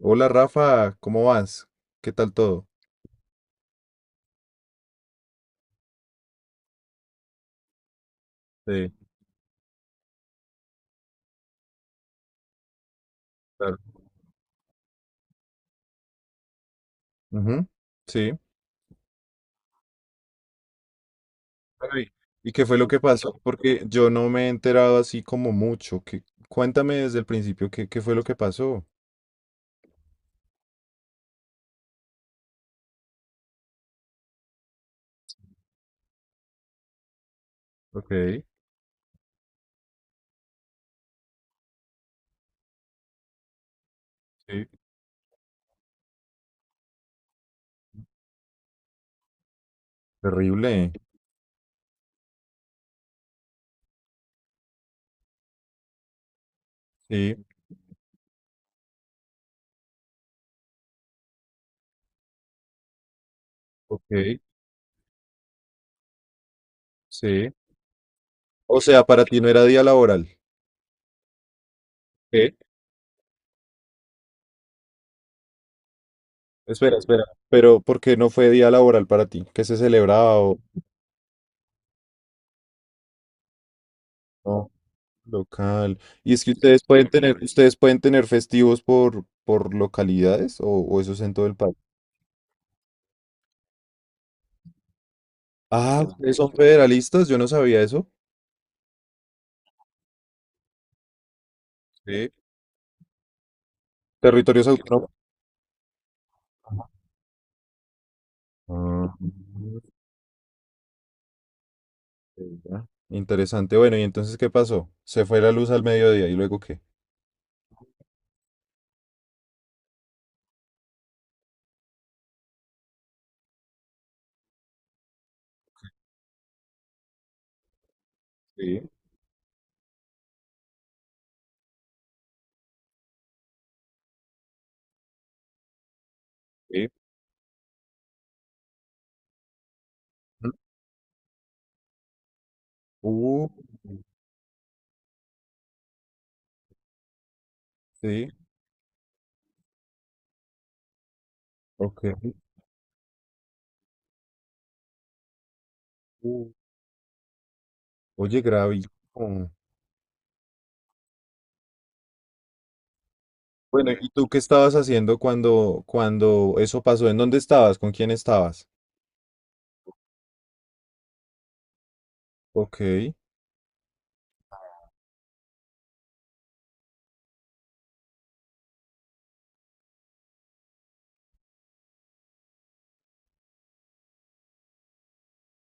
Hola Rafa, ¿cómo vas? ¿Qué tal todo? Sí, claro. Ujú. Sí. Bueno, y- ¿Y qué fue lo que pasó? Porque yo no me he enterado así como mucho. Cuéntame desde el principio qué fue lo que pasó. Ok, sí. Terrible. Sí, ok, sí. O sea, para ti no era día laboral. ¿Qué? Espera. Pero ¿por qué no fue día laboral para ti? ¿Qué se celebraba o no? Local. Y es que ustedes pueden tener festivos por localidades o eso es en todo el país. Ah, no, ustedes son federalistas, yo no sabía eso. Sí. Territorios autónomos. Ah, ya. Interesante. Bueno, ¿y entonces qué pasó? ¿Se fue la luz al mediodía y luego qué? Sí, sí. Mm. Uh, sí, ok. Uh. Oye, gravísimo. Bueno, ¿y tú qué estabas haciendo cuando, cuando eso pasó? ¿En dónde estabas? ¿Con quién estabas? Ok.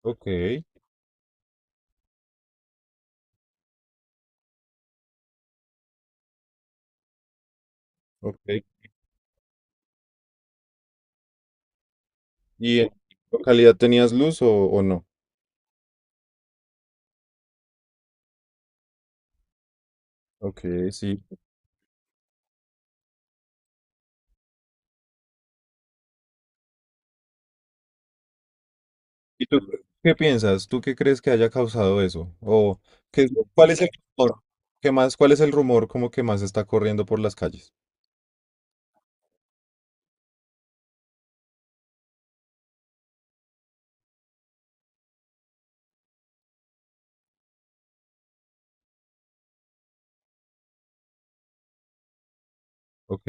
Ok, ok. ¿Y en tu localidad tenías luz o no? Ok, sí. ¿Y tú qué piensas? ¿Tú qué crees que haya causado eso? ¿O cuál es el rumor? ¿Qué más? ¿Cuál es el rumor como que más está corriendo por las calles? Ok,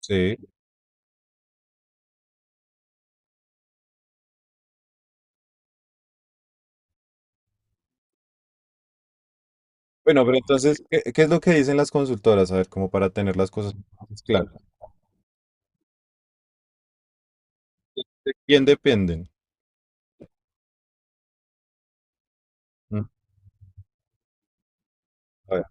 sí. Bueno, pero entonces, ¿qué, qué es lo que dicen las consultoras? A ver, como para tener las cosas más claras. ¿De quién dependen? Mm, a ver,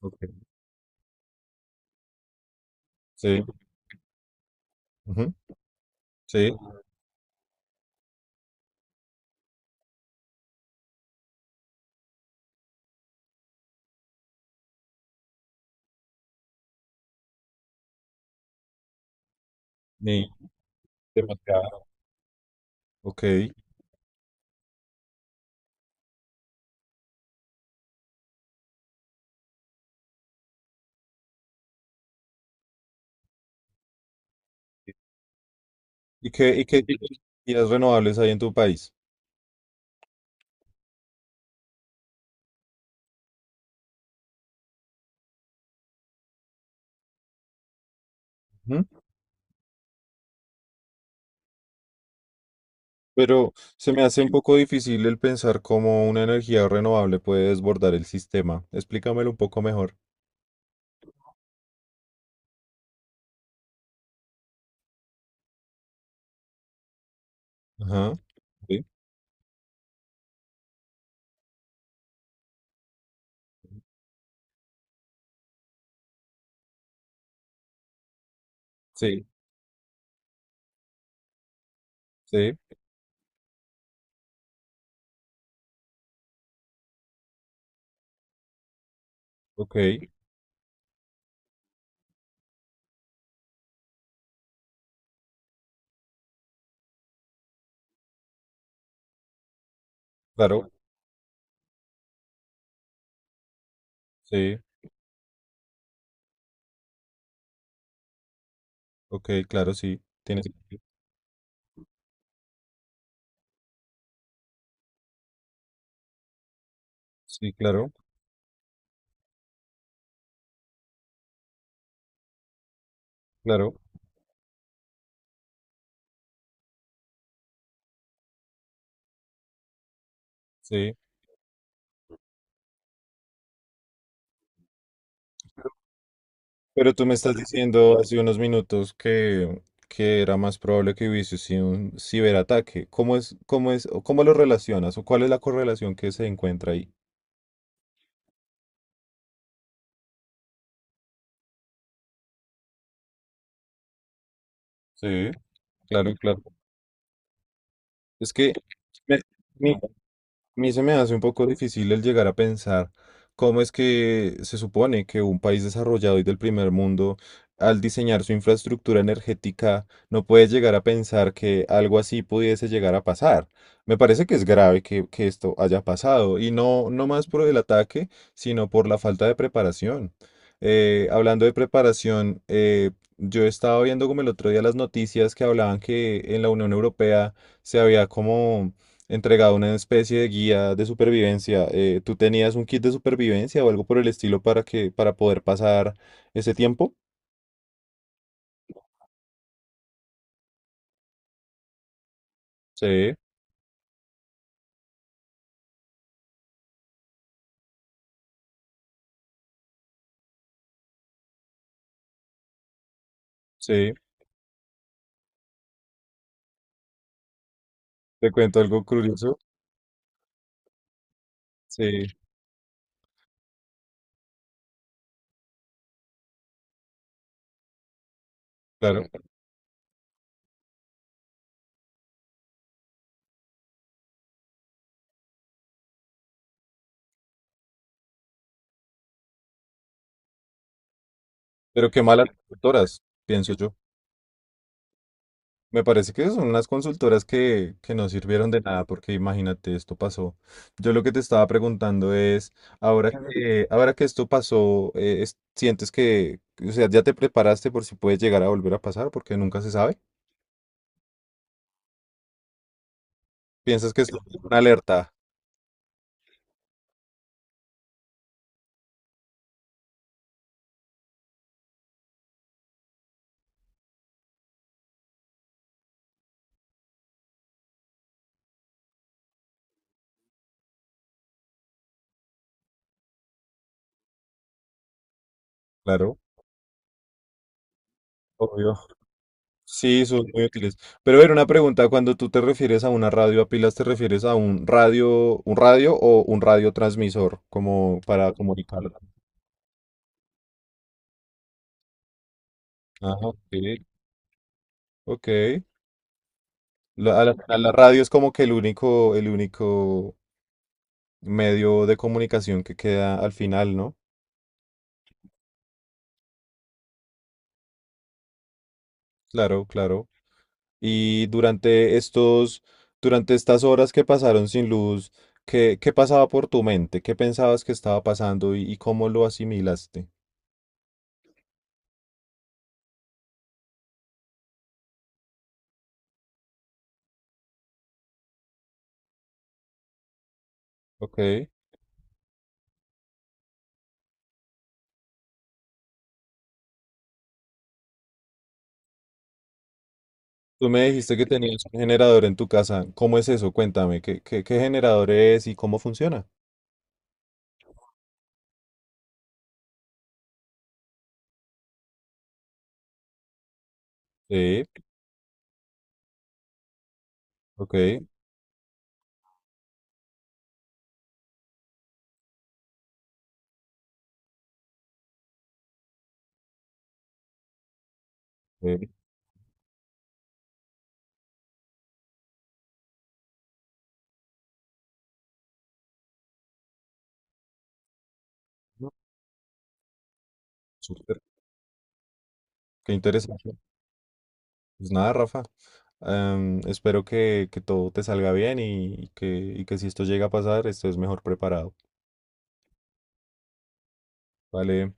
ok. Sí, ujú, sí. Ni demasiado. Ok. ¿Y qué tipos de energías renovables hay en tu país? Pero se me hace un poco difícil el pensar cómo una energía renovable puede desbordar el sistema. Explícamelo un poco mejor. Ajá, sí, sí, sí, ok, claro, sí, ok, claro, sí, tiene sentido. Sí, claro, claro, sí. Pero tú me estás diciendo hace unos minutos que era más probable que hubiese sido un ciberataque. ¿ o cómo lo relacionas o cuál es la correlación que se encuentra ahí? Sí, claro, claro. Es que me- mi, a mí se me hace un poco difícil el llegar a pensar cómo es que se supone que un país desarrollado y del primer mundo, al diseñar su infraestructura energética, no puede llegar a pensar que algo así pudiese llegar a pasar. Me parece que es grave que esto haya pasado, y no, no más por el ataque, sino por la falta de preparación. Hablando de preparación, yo estaba viendo como el otro día las noticias que hablaban que en la Unión Europea se había como entregaba una especie de guía de supervivencia. ¿Tú tenías un kit de supervivencia o algo por el estilo para para poder pasar ese tiempo? Sí, sí. Te cuento algo curioso. Sí, claro. Pero qué malas consultoras, pienso yo. Me parece que son unas consultoras que no sirvieron de nada, porque imagínate, esto pasó. Yo lo que te estaba preguntando es, ahora que esto pasó, ¿sientes que, o sea, ya te preparaste por si puede llegar a volver a pasar? Porque nunca se sabe. Piensas que es una alerta. Claro, obvio. Sí, son muy útiles. Pero a ver, una pregunta, cuando tú te refieres a una radio a pilas, ¿te refieres a un radio o un radiotransmisor como para comunicar? Ah, ok, ok. A la radio es como que el único medio de comunicación que queda al final, ¿no? Claro, claro. Y durante durante estas horas que pasaron sin luz, ¿qué pasaba por tu mente? ¿Qué pensabas que estaba pasando y cómo lo asimilaste? Ok. Tú me dijiste que tenías un generador en tu casa. ¿Cómo es eso? Cuéntame, qué generador es y cómo funciona? Sí, ok. Ok, no, súper. Qué interesante. Pues nada, Rafa. Espero que todo te salga bien y que si esto llega a pasar, estés mejor preparado. Vale.